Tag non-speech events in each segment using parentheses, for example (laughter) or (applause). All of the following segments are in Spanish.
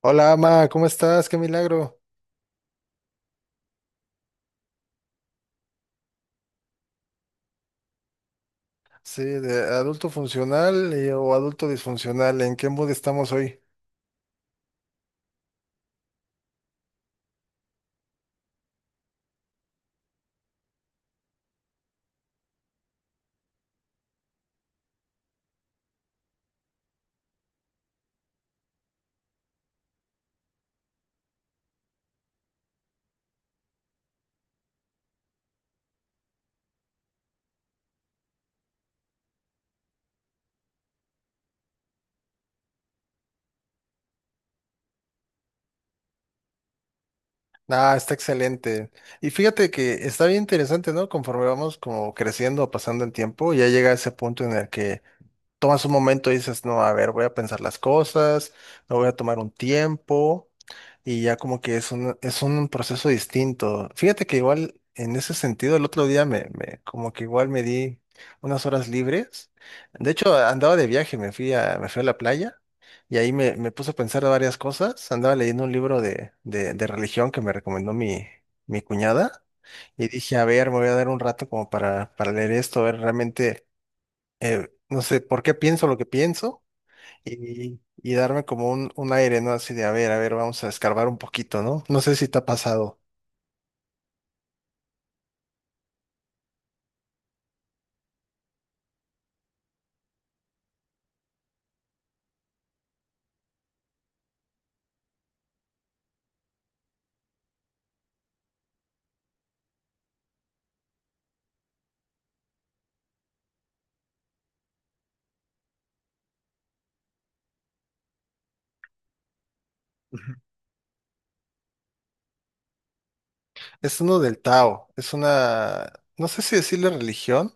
Hola, Ama, ¿cómo estás? Qué milagro. Sí, de adulto funcional o adulto disfuncional, ¿en qué mood estamos hoy? Ah, está excelente. Y fíjate que está bien interesante, ¿no? Conforme vamos como creciendo, pasando el tiempo, ya llega ese punto en el que tomas un momento y dices, no, a ver, voy a pensar las cosas, me voy a tomar un tiempo y ya como que es es un proceso distinto. Fíjate que igual en ese sentido el otro día me como que igual me di unas horas libres. De hecho, andaba de viaje, me fui a la playa y ahí me puse a pensar varias cosas. Andaba leyendo un libro de religión que me recomendó mi cuñada. Y dije, a ver, me voy a dar un rato como para leer esto, a ver realmente no sé por qué pienso lo que pienso y, y darme como un aire, ¿no? Así de, a ver, vamos a escarbar un poquito, ¿no? No sé si te ha pasado. Ujú. Es uno del Tao, es una, no sé si decirle religión,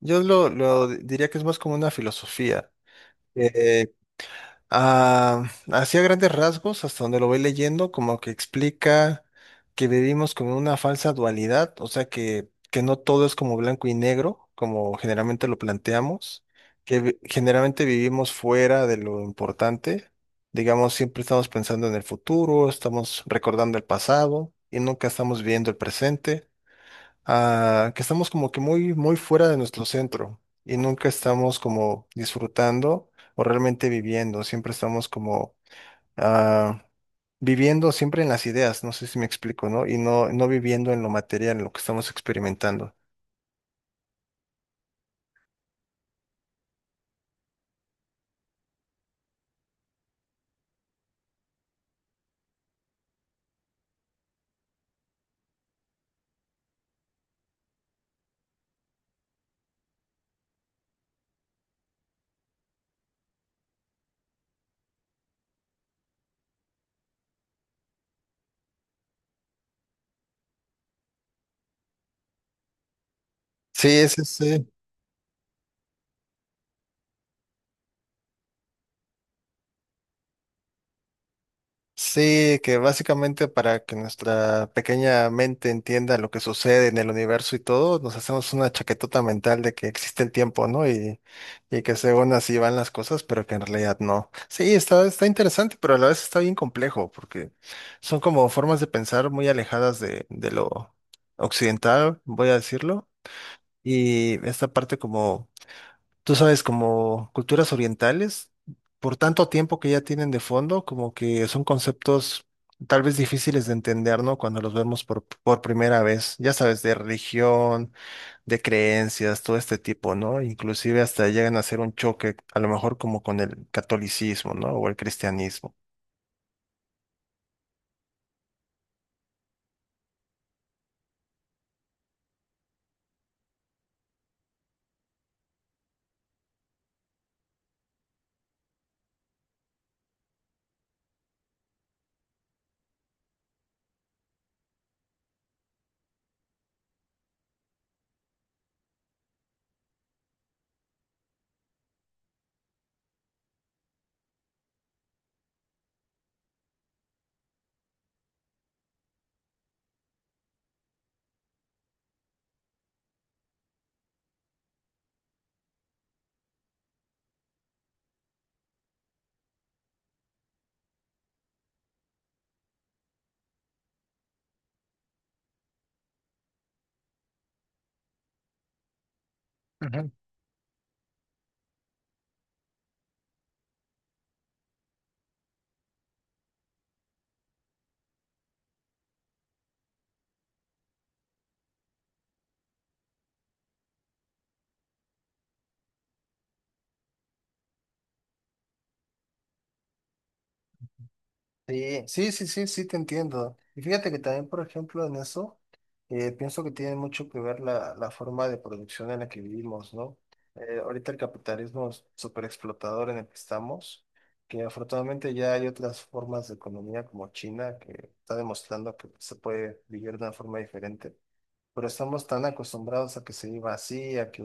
yo lo diría que es más como una filosofía. eh, Ah, así a grandes rasgos, hasta donde lo voy leyendo, como que explica que vivimos con una falsa dualidad, o sea que no todo es como blanco y negro, como generalmente lo planteamos, que generalmente vivimos fuera de lo importante, digamos, siempre estamos pensando en el futuro, estamos recordando el pasado y nunca estamos viviendo el presente, que estamos como que muy, muy fuera de nuestro centro y nunca estamos como disfrutando o realmente viviendo, siempre estamos como ah, viviendo siempre en las ideas, no sé si me explico, ¿no? Y no, no viviendo en lo material, en lo que estamos experimentando. Sí, sí, que básicamente para que nuestra pequeña mente entienda lo que sucede en el universo y todo, nos hacemos una chaquetota mental de que existe el tiempo, ¿no? Y que según así van las cosas, pero que en realidad no. Sí, está interesante, pero a la vez está bien complejo, porque son como formas de pensar muy alejadas de lo occidental, voy a decirlo, y esta parte como tú sabes, como culturas orientales, por tanto tiempo que ya tienen de fondo, como que son conceptos tal vez difíciles de entender, ¿no? Cuando los vemos por primera vez, ya sabes, de religión, de creencias, todo este tipo, ¿no? Inclusive hasta llegan a ser un choque, a lo mejor como con el catolicismo, ¿no? O el cristianismo. Sí, sí, sí, sí, sí, te entiendo. Y fíjate que también, por ejemplo, en eso, pienso que tiene mucho que ver la forma de producción en la que vivimos, ¿no? Ahorita el capitalismo súper explotador en el que estamos, que afortunadamente ya hay otras formas de economía como China, que está demostrando que se puede vivir de una forma diferente, pero estamos tan acostumbrados a que se viva así,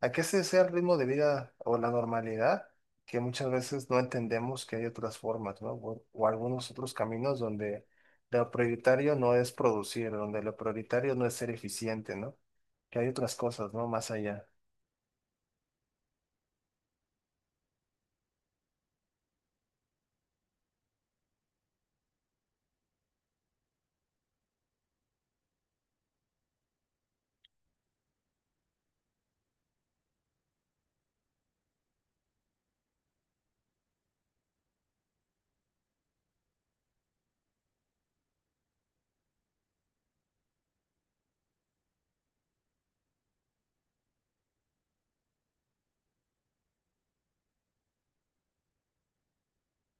a que ese sea el ritmo de vida o la normalidad, que muchas veces no entendemos que hay otras formas, ¿no? O algunos otros caminos donde lo prioritario no es producir, donde lo prioritario no es ser eficiente, ¿no? Que hay otras cosas, ¿no? Más allá.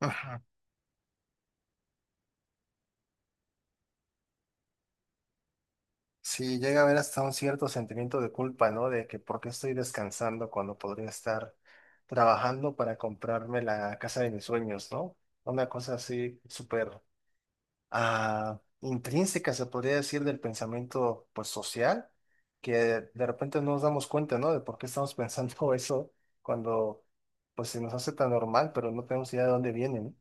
Ajá. Sí, llega a haber hasta un cierto sentimiento de culpa, ¿no? De que por qué estoy descansando cuando podría estar trabajando para comprarme la casa de mis sueños, ¿no? Una cosa así súper intrínseca, se podría decir, del pensamiento pues, social, que de repente no nos damos cuenta, ¿no? De por qué estamos pensando (laughs) eso cuando pues, se nos hace tan normal, pero no tenemos idea de dónde viene, ¿no?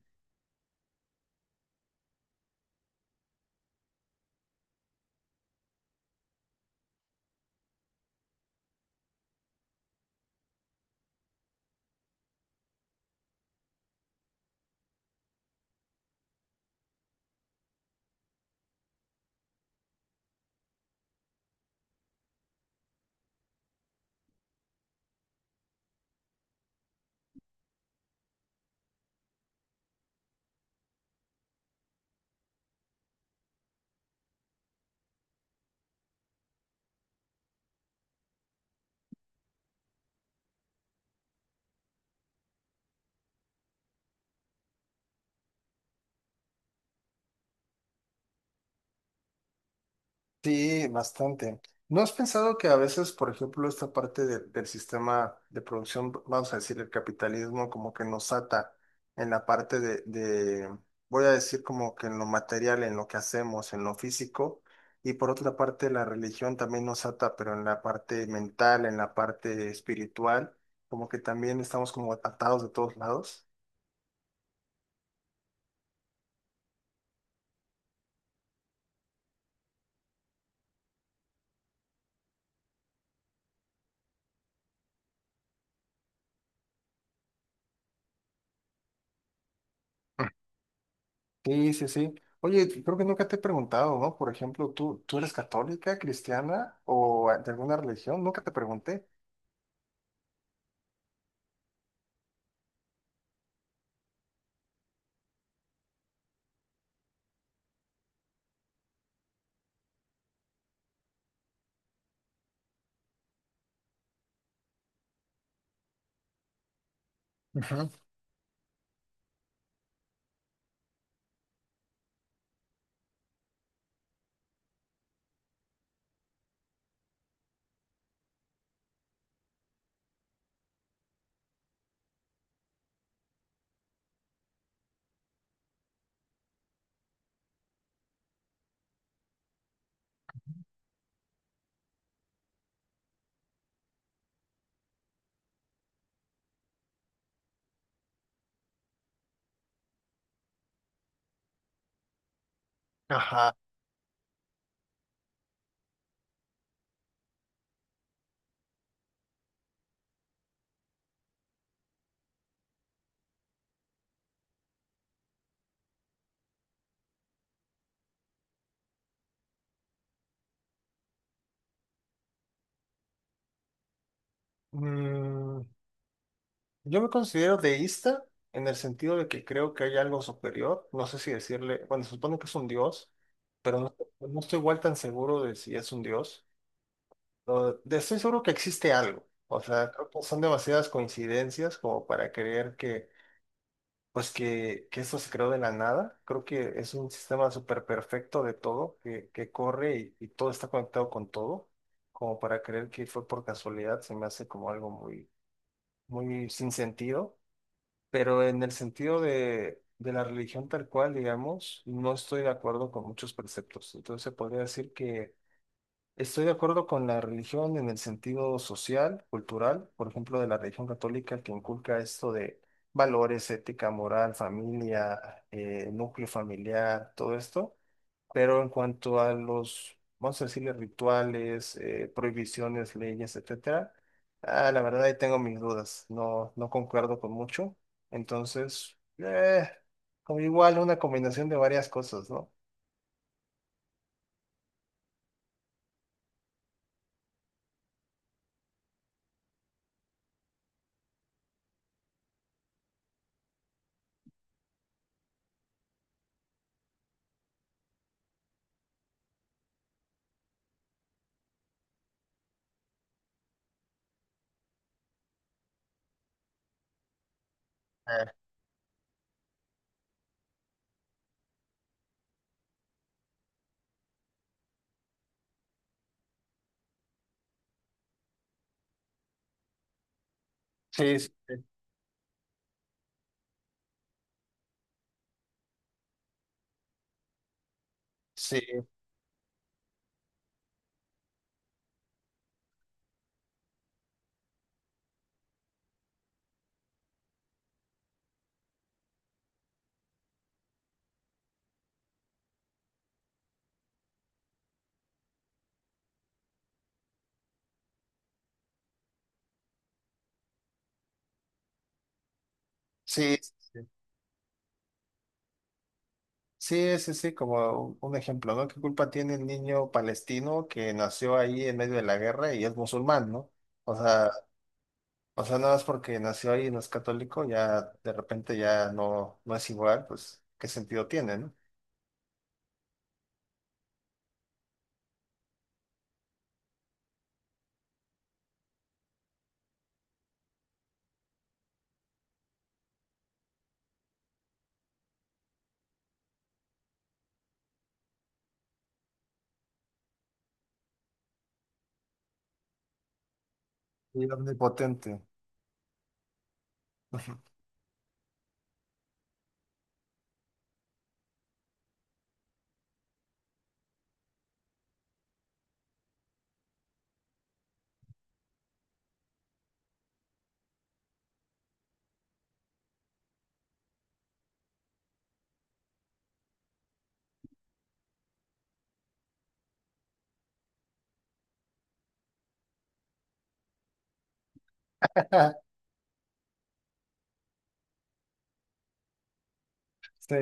Sí, bastante. ¿No has pensado que a veces, por ejemplo, esta parte del sistema de producción, vamos a decir, el capitalismo, como que nos ata en la parte de, voy a decir como que en lo material, en lo que hacemos, en lo físico, y por otra parte la religión también nos ata, pero en la parte mental, en la parte espiritual, como que también estamos como atados de todos lados? Sí, sí, sí. Oye, creo que nunca te he preguntado, ¿no? Por ejemplo, tú eres católica, cristiana o de alguna religión? Nunca te pregunté. Ujú. Ajá. Mm, yo me considero deísta en el sentido de que creo que hay algo superior. No sé si decirle, bueno, se supone que es un dios, pero no, no estoy igual tan seguro de si es un dios. No, estoy seguro que existe algo. O sea, creo que son demasiadas coincidencias como para creer que pues que esto se creó de la nada. Creo que es un sistema súper perfecto de todo, que corre y todo está conectado con todo, como para creer que fue por casualidad, se me hace como algo muy, muy sin sentido. Pero en el sentido de la religión tal cual, digamos, no estoy de acuerdo con muchos preceptos. Entonces se podría decir que estoy de acuerdo con la religión en el sentido social, cultural, por ejemplo, de la religión católica que inculca esto de valores, ética, moral, familia, núcleo familiar, todo esto. Pero en cuanto a los, vamos a decirle, rituales, prohibiciones, leyes, etcétera, la verdad ahí tengo mis dudas. No, no concuerdo con mucho. Entonces, como igual una combinación de varias cosas, ¿no? Eh, sí, sí, sí, sí. Sí. Sí, sí, sí, como un ejemplo, ¿no? ¿Qué culpa tiene el niño palestino que nació ahí en medio de la guerra y es musulmán, ¿no? O sea, o sea, nada más porque nació ahí y no es católico, ya de repente ya no, no es igual, pues, ¿qué sentido tiene, ¿no? Y omnipotente. (laughs) Sí,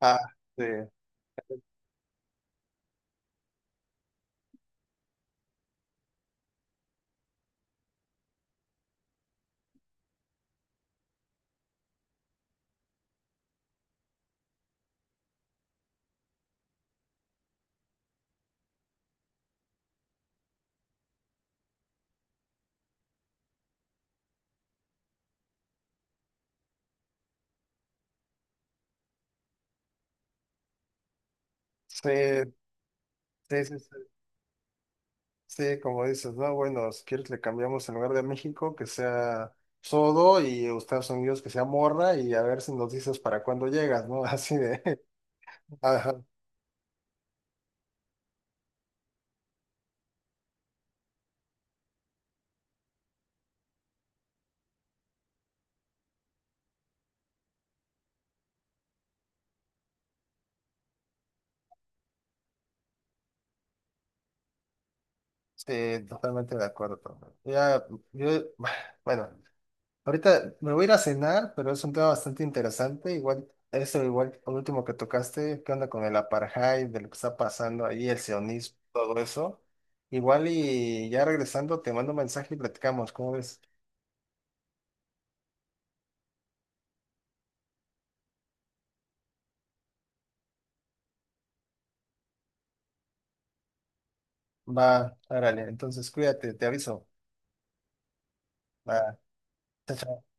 ah, sí, sí, sí, sí, sí, sí, como dices, no, bueno, si quieres le cambiamos en lugar de México que sea Sodo y Estados Unidos que sea Morra y a ver si nos dices para cuándo llegas, ¿no? (laughs) Así de, (laughs) ajá, sí, totalmente de acuerdo. Pablo. Ya, yo, (sighs) bueno, ahorita me voy a ir a cenar, pero es un tema bastante interesante. Igual, eso igual, lo último que tocaste, qué onda con el apartheid, de lo que está pasando ahí, el sionismo, todo eso. Igual y ya regresando, te mando un mensaje y platicamos, ¿cómo ves? Va, árale, entonces cuídate, te aviso. Va, chao, chao.